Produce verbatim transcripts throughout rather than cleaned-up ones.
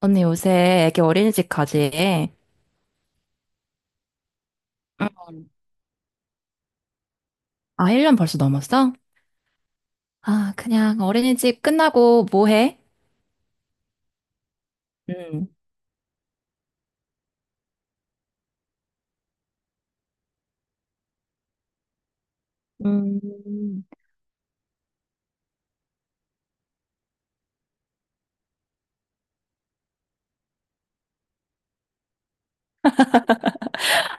언니 요새 애기 어린이집 가지? 응. 아, 일 년 벌써 넘었어? 아, 그냥 어린이집 끝나고 뭐 해? 음. 음,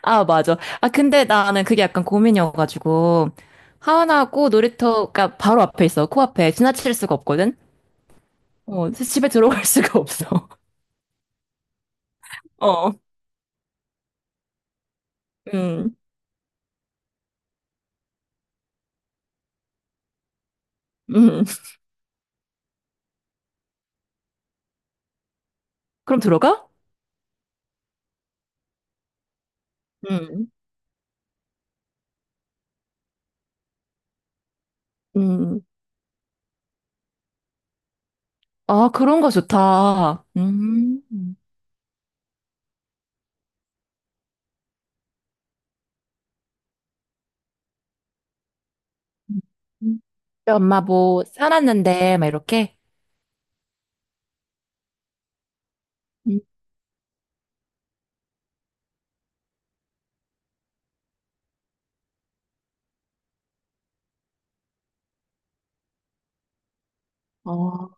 아, 맞아. 아, 근데 나는 그게 약간 고민이어가지고, 하원하고 놀이터가 바로 앞에 있어. 코앞에. 지나칠 수가 없거든? 어, 그래서 집에 들어갈 수가 없어. 어, 음, 음. 그럼 들어가? 음, 음. 아, 그런 거 좋다. 음. 음. 엄마 뭐 사놨는데, 막 이렇게? 음. 어,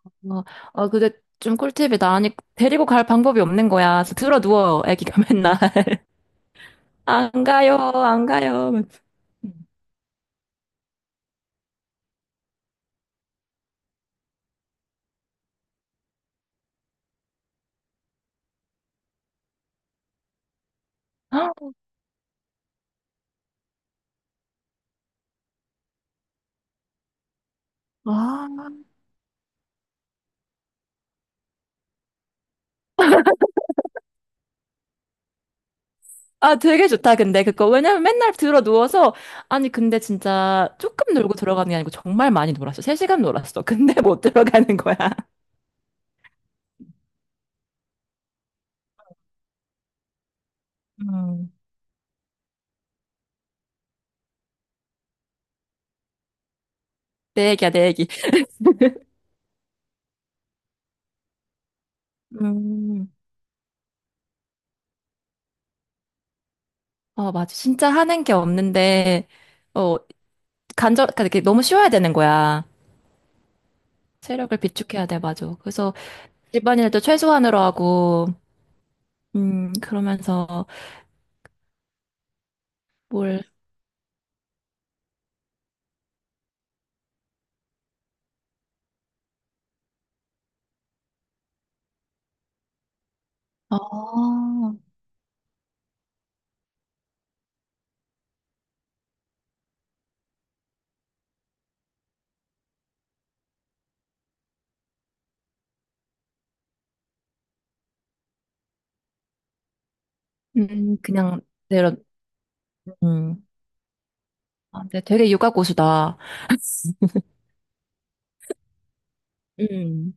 아, 그게 좀 꿀팁이다. 아니, 데리고 갈 방법이 없는 거야. 그래서 들어 누워, 애기가 맨날. 안 가요, 안 가요. 막. 음. 아, 아, 되게 좋다, 근데 그거. 왜냐면 맨날 들어 누워서, 아니, 근데 진짜 조금 놀고 들어가는 게 아니고 정말 많이 놀았어. 세 시간 놀았어. 근데 못 들어가는 거야. 음. 내 얘기야, 내 얘기. 음. 어, 맞아. 진짜 하는 게 없는데, 어, 간절, 그러니까 이렇게 너무 쉬워야 되는 거야. 체력을 비축해야 돼, 맞아. 그래서 집안일도 최소한으로 하고, 음, 그러면서 뭘, 아, 음, 그냥, 내려, 음, 아, 근데 되게 육아 고수다. 음,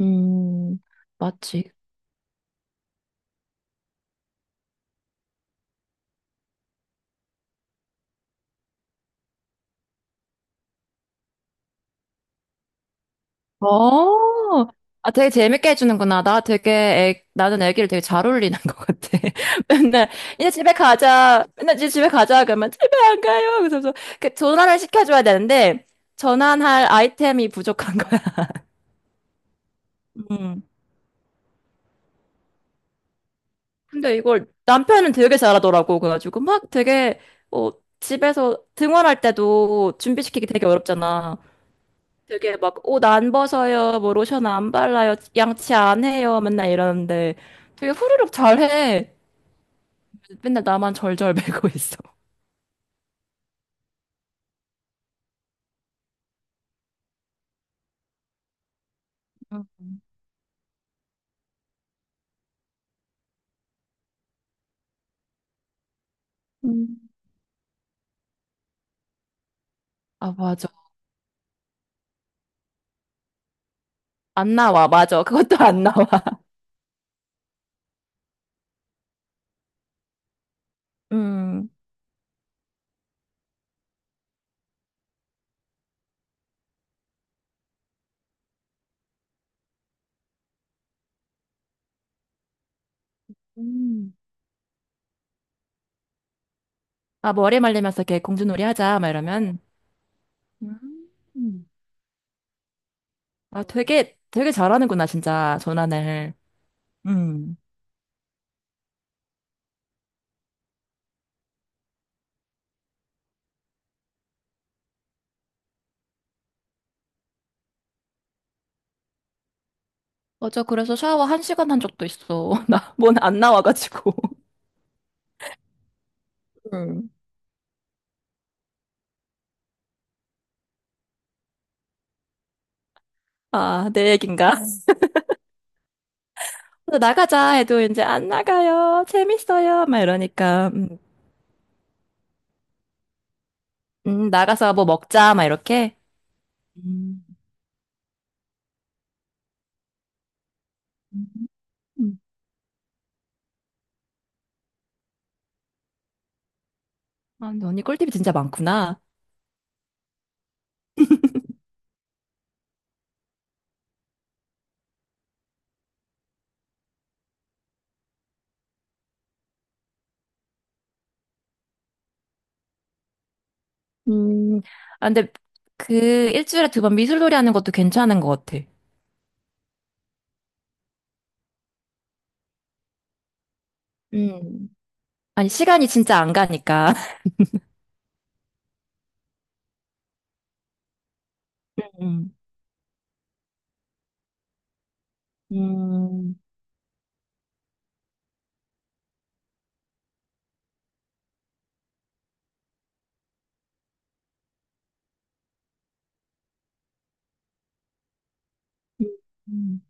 음, 맞지. 어, 아, 되게 재밌게 해주는구나. 나 되게, 애, 나는 애기를 되게 잘 어울리는 것 같아. 맨날, 이제 집에 가자. 맨날 이제 집에 가자. 그러면 집에 안 가요. 그래서, 그 전환을 시켜줘야 되는데, 전환할 아이템이 부족한 거야. 음. 근데 이걸 남편은 되게 잘하더라고. 그래가지고 막 되게 어, 집에서 등원할 때도 준비시키기 되게 어렵잖아. 되게 막 옷 안 벗어요, 뭐 로션 안 발라요, 양치 안 해요, 맨날 이러는데 되게 후루룩 잘해. 맨날 나만 절절매고 있어. 음. 아, 맞아. 안 나와, 맞아. 그것도 안 나와. 음. 음. 아, 머리 말리면서 이렇게 공주놀이 하자, 막 이러면. 음. 아, 되게, 되게 잘하는구나, 진짜, 전환을. 음. 맞아. 그래서 샤워 한 시간 한 적도 있어. 나, 뭔 안 나와가지고. 음. 아, 내 얘긴가? 그래서 나가자 해도 이제 안 나가요. 재밌어요. 막 이러니까. 음, 음, 나가서 뭐 먹자. 막 이렇게. 음, 음. 아, 근데 언니 꿀팁이 진짜 많구나. 음, 아, 근데 그 일주일에 두 번 미술놀이 하는 것도 괜찮은 것 같아. 음. 아니, 시간이 진짜 안 가니까. 음. 음. 음.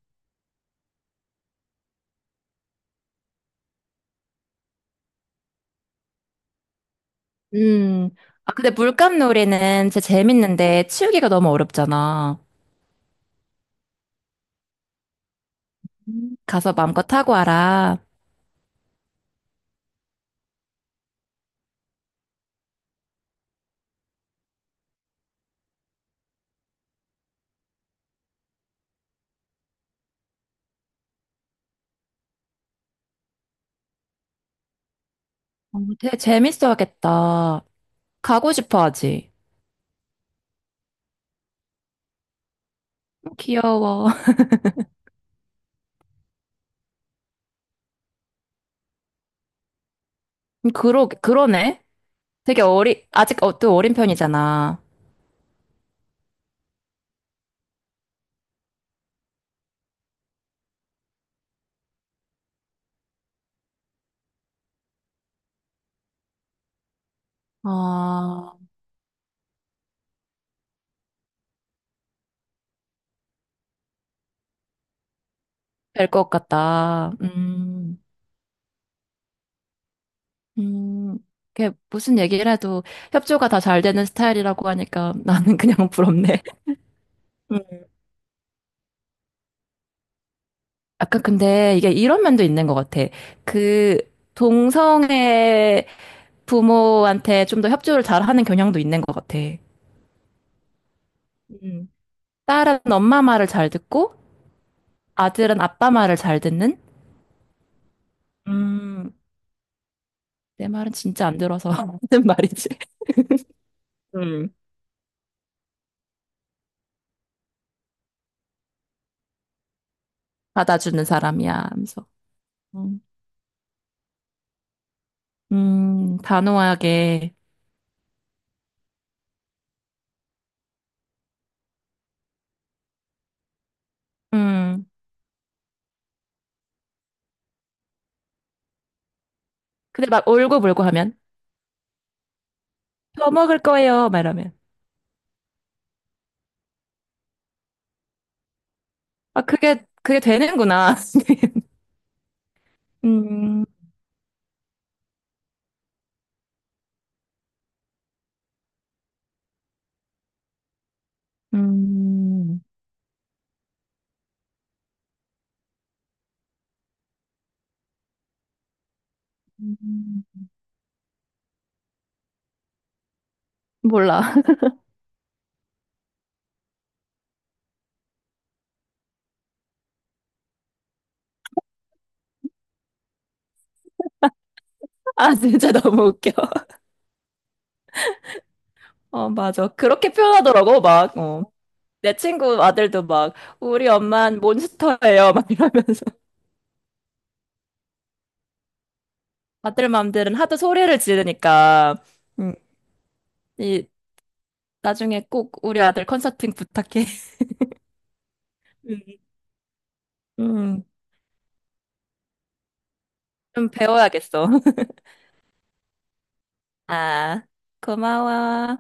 음. 아, 근데 물감놀이는 진짜 재밌는데 치우기가 너무 어렵잖아. 음, 가서 마음껏 하고 와라. 어, 되게 재밌어 하겠다. 가고 싶어 하지. 귀여워. 그러, 그러네. 되게 어리, 아직 어, 또 어린 편이잖아. 아, 될 것 같다. 음, 음. 이게 무슨 얘기를 해도 협조가 다 잘 되는 스타일이라고 하니까 나는 그냥 부럽네. 음. 아까 근데 이게 이런 면도 있는 것 같아. 그 동성애 부모한테 좀 더 협조를 잘하는 경향도 있는 것 같아. 음. 딸은 엄마 말을 잘 듣고 아들은 아빠 말을 잘 듣는? 음, 내 말은 진짜 안 들어서 하는 말이지. 음. 받아주는 사람이야 하면서. 음, 음, 단호하게. 음. 근데 막 울고불고 하면 더 먹을 거예요 말하면. 아 그게 그게 되는구나. 음, 음. 음, 몰라. 아, 진짜 너무 웃겨. 어, 맞아. 그렇게 표현하더라고, 막. 어. 내 친구 아들도 막, 우리 엄만 몬스터예요. 막 이러면서. 아들 맘들은 하도 소리를 지르니까, 음, 이, 나중에 꼭 우리 아들 컨설팅 부탁해. 음, 음, 좀 배워야겠어. 아, 고마워.